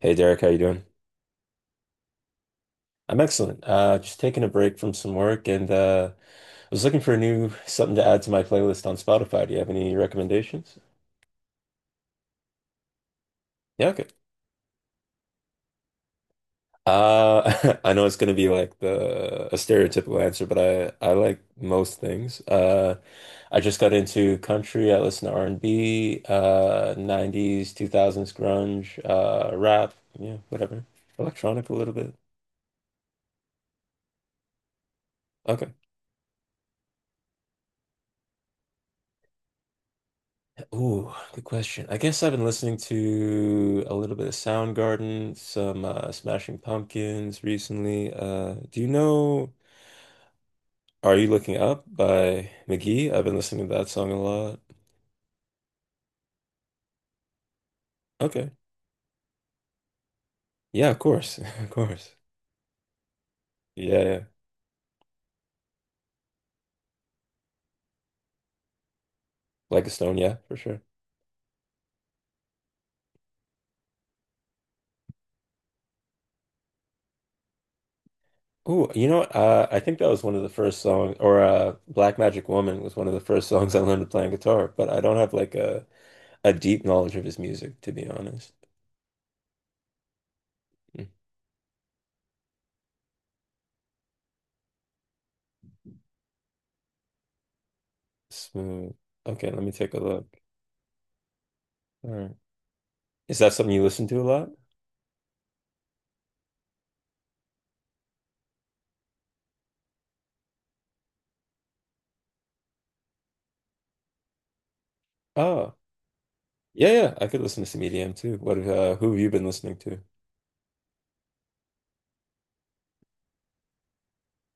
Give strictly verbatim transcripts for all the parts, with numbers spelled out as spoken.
Hey Derek, how you doing? I'm excellent. Uh, just taking a break from some work and uh, I was looking for a new something to add to my playlist on Spotify. Do you have any recommendations? Yeah, okay. Uh, I know it's gonna be like the a stereotypical answer, but I I like most things. Uh, I just got into country. I listen to R and B, uh, nineties, two thousands grunge, uh, rap, yeah, whatever. Electronic a little bit. Okay. Ooh, good question. I guess I've been listening to a little bit of Soundgarden, some uh, Smashing Pumpkins recently. Uh, do you know Are You Looking Up by McGee? I've been listening to that song a lot. Okay. Yeah, of course. Of course. Yeah, yeah. Like a Stone, yeah, for sure. Ooh, you know what? Uh, I think that was one of the first songs, or uh, Black Magic Woman was one of the first songs I learned to play on guitar, but I don't have like a, a deep knowledge of his music, to be honest. Mm. Smooth. Okay, let me take a look. All right. Is that something you listen to a lot? Oh, yeah, yeah. I could listen to some E D M too. What uh, who have you been listening to?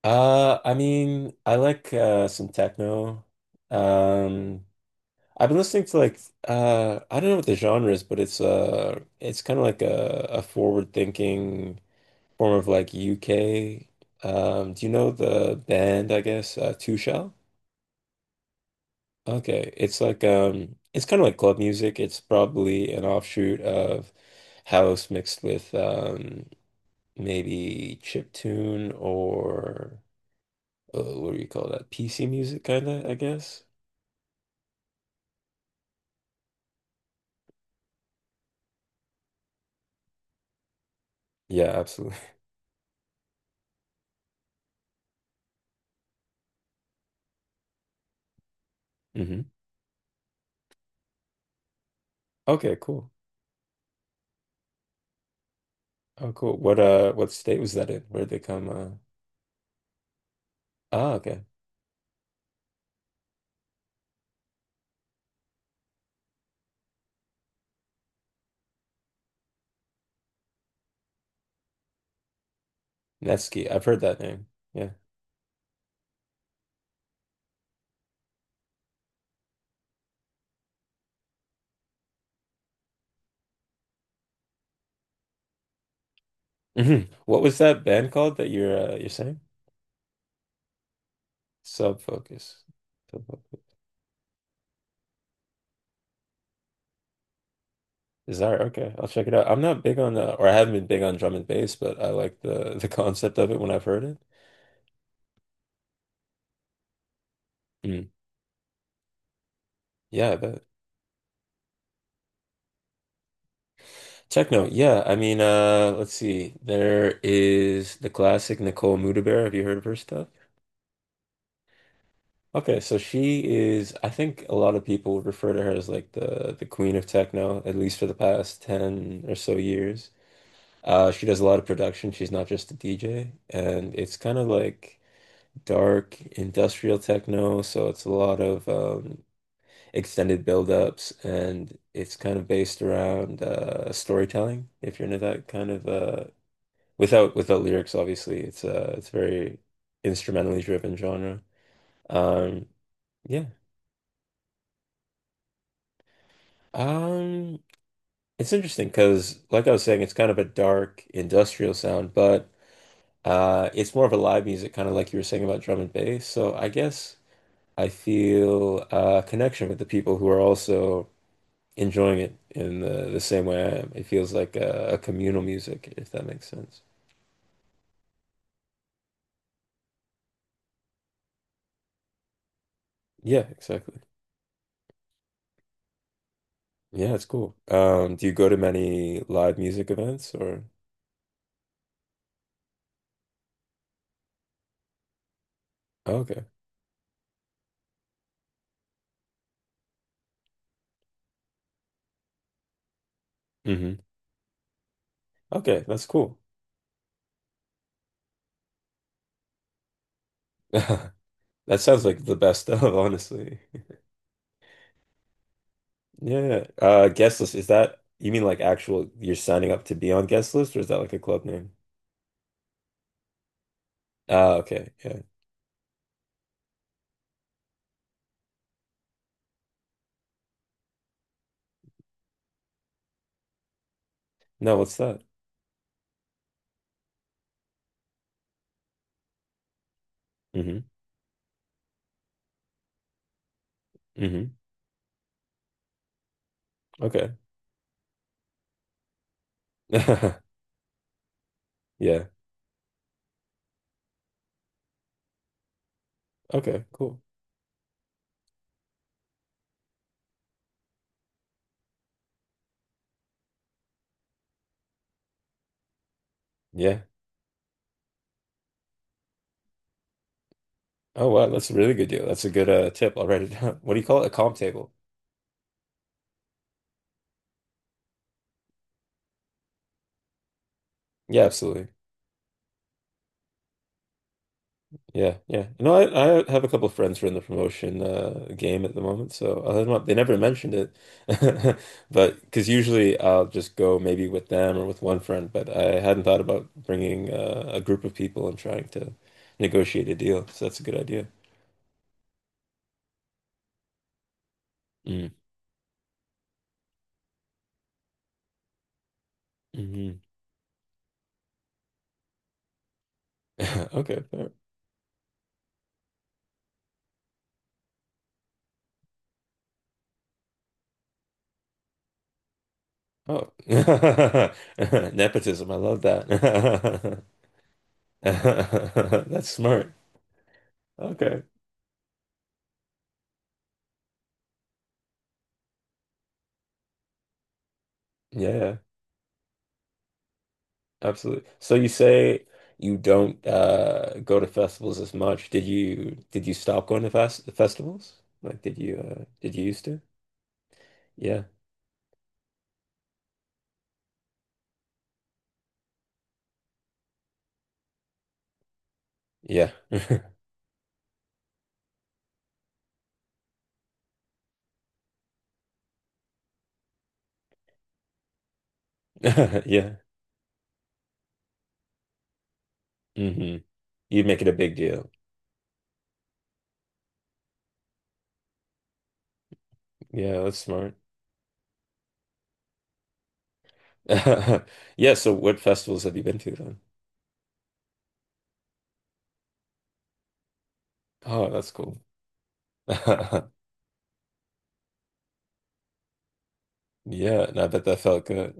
Uh, I mean, I like uh some techno. Um, I've been listening to like uh I don't know what the genre is, but it's uh it's kind of like a a forward-thinking form of like U K. Um, do you know the band, I guess, uh Two Shell? Okay, it's like um, it's kind of like club music. It's probably an offshoot of house mixed with um, maybe chip tune or uh, what do you call that? P C music, kind of, I guess. Yeah, absolutely. Hmm. Okay, cool. Oh, cool. What uh, what state was that in? Where did they come? Uh... Ah, okay, Nevsky. I've heard that name. Yeah. Hmm. What was that band called that you're uh, you're saying? Sub Focus. Desire, okay. I'll check it out. I'm not big on uh, or I haven't been big on drum and bass, but I like the the concept of it when I've heard it. Mm. Yeah, I bet. Techno, yeah. I mean, uh, let's see. There is the classic Nicole Mudaber. Have you heard of her stuff? Okay, so she is, I think, a lot of people would refer to her as like the the queen of techno, at least for the past ten or so years. Uh, she does a lot of production. She's not just a D J, and it's kind of like dark industrial techno, so it's a lot of um, extended build-ups, and it's kind of based around uh, storytelling. If you're into that kind of uh, without without lyrics, obviously, it's uh it's very instrumentally driven genre. Um, yeah. um, it's interesting because, like I was saying, it's kind of a dark industrial sound, but uh, it's more of a live music, kind of like you were saying about drum and bass. So I guess I feel a connection with the people who are also enjoying it in the, the same way I am. It feels like a, a communal music, if that makes sense. Yeah, exactly. Yeah, it's cool. Um, do you go to many live music events or? Oh, okay. Hmm. Okay, that's cool. That sounds like the best stuff, honestly. Yeah. yeah. Uh, guest list, is that, you mean like actual you're signing up to be on guest list, or is that like a club name? Ah, okay. Yeah. No, what's that? Mm-hmm. Mm-hmm. Okay. Yeah. Okay, cool. Yeah. Oh, wow, that's a really good deal. That's a good uh, tip. I'll write it down. What do you call it? A comp table. Yeah, absolutely. Yeah, yeah. You know, I, I have a couple of friends who are in the promotion uh, game at the moment, so I'll hit them up. They never mentioned it, but because usually I'll just go maybe with them or with one friend, but I hadn't thought about bringing uh, a group of people and trying to negotiate a deal. So that's a good idea. Mm. Hmm. Okay, fair. Oh, nepotism. I love that. That's smart. Okay. Yeah, absolutely. So you say you don't uh go to festivals as much. Did you did you stop going to fest festivals? Like did you uh did you used to? Yeah. Yeah. Yeah. Hmm. You make it a big deal. Yeah, that's smart. Yeah, so what festivals have you been to then? Oh, that's cool. Yeah, and I bet that felt good.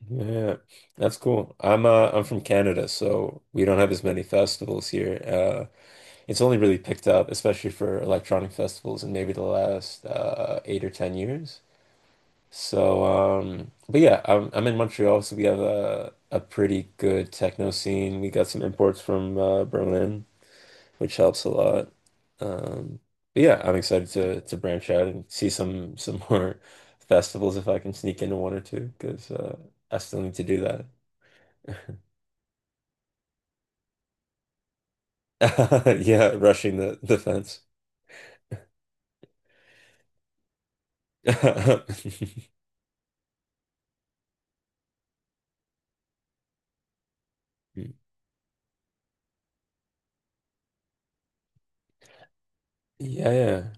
Yeah, that's cool. I'm uh I'm from Canada, so we don't have as many festivals here. uh, It's only really picked up, especially for electronic festivals in maybe the last uh, eight or ten years. So, um, but yeah, I'm, I'm in Montreal, so we have a, a pretty good techno scene. We got some imports from uh, Berlin, which helps a lot. Um, but yeah, I'm excited to to branch out and see some some more festivals if I can sneak into one or two, because uh, I still need to do that. Yeah, rushing the the fence. Yeah, yeah.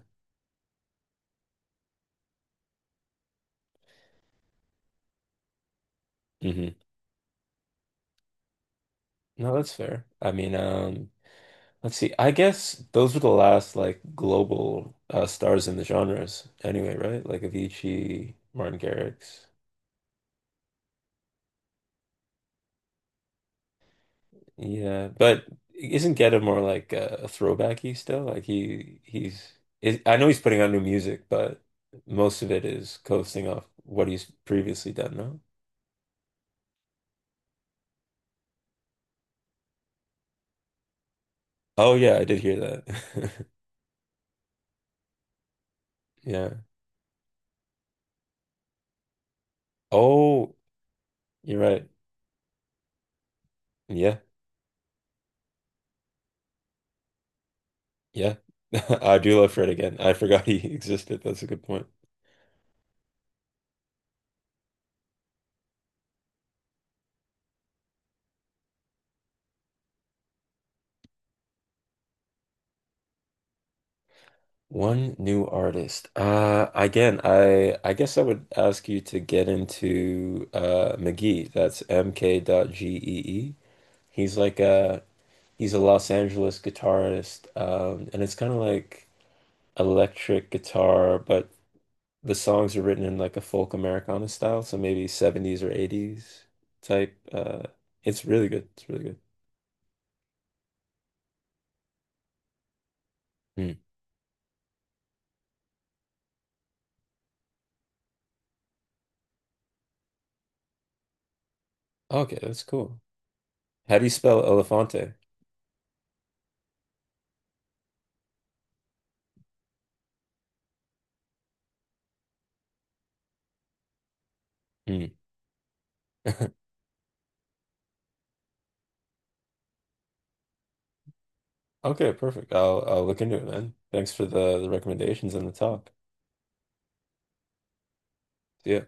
Mhm. No, that's fair. I mean, um, let's see. I guess those were the last like global uh, stars in the genres anyway, right? Like Avicii, Martin Garrix. Yeah, but isn't Geta more like a throwbacky still? Like he he's is, I know he's putting out new music, but most of it is coasting off what he's previously done, no? Oh, yeah, I did hear that. Yeah. Oh, you're right. Yeah. Yeah. I do love Fred again. I forgot he existed. That's a good point. One new artist. Uh, again, I I guess I would ask you to get into uh McGee. That's M K dot G E E. He's like a he's a Los Angeles guitarist, um, and it's kind of like electric guitar, but the songs are written in like a folk Americana style, so maybe seventies or eighties type. Uh, it's really good. It's really good. Hmm. Okay, that's cool. How do you spell Elefante? Hmm. Okay, perfect. I'll I'll look into it then. Thanks for the the recommendations and the talk. See ya.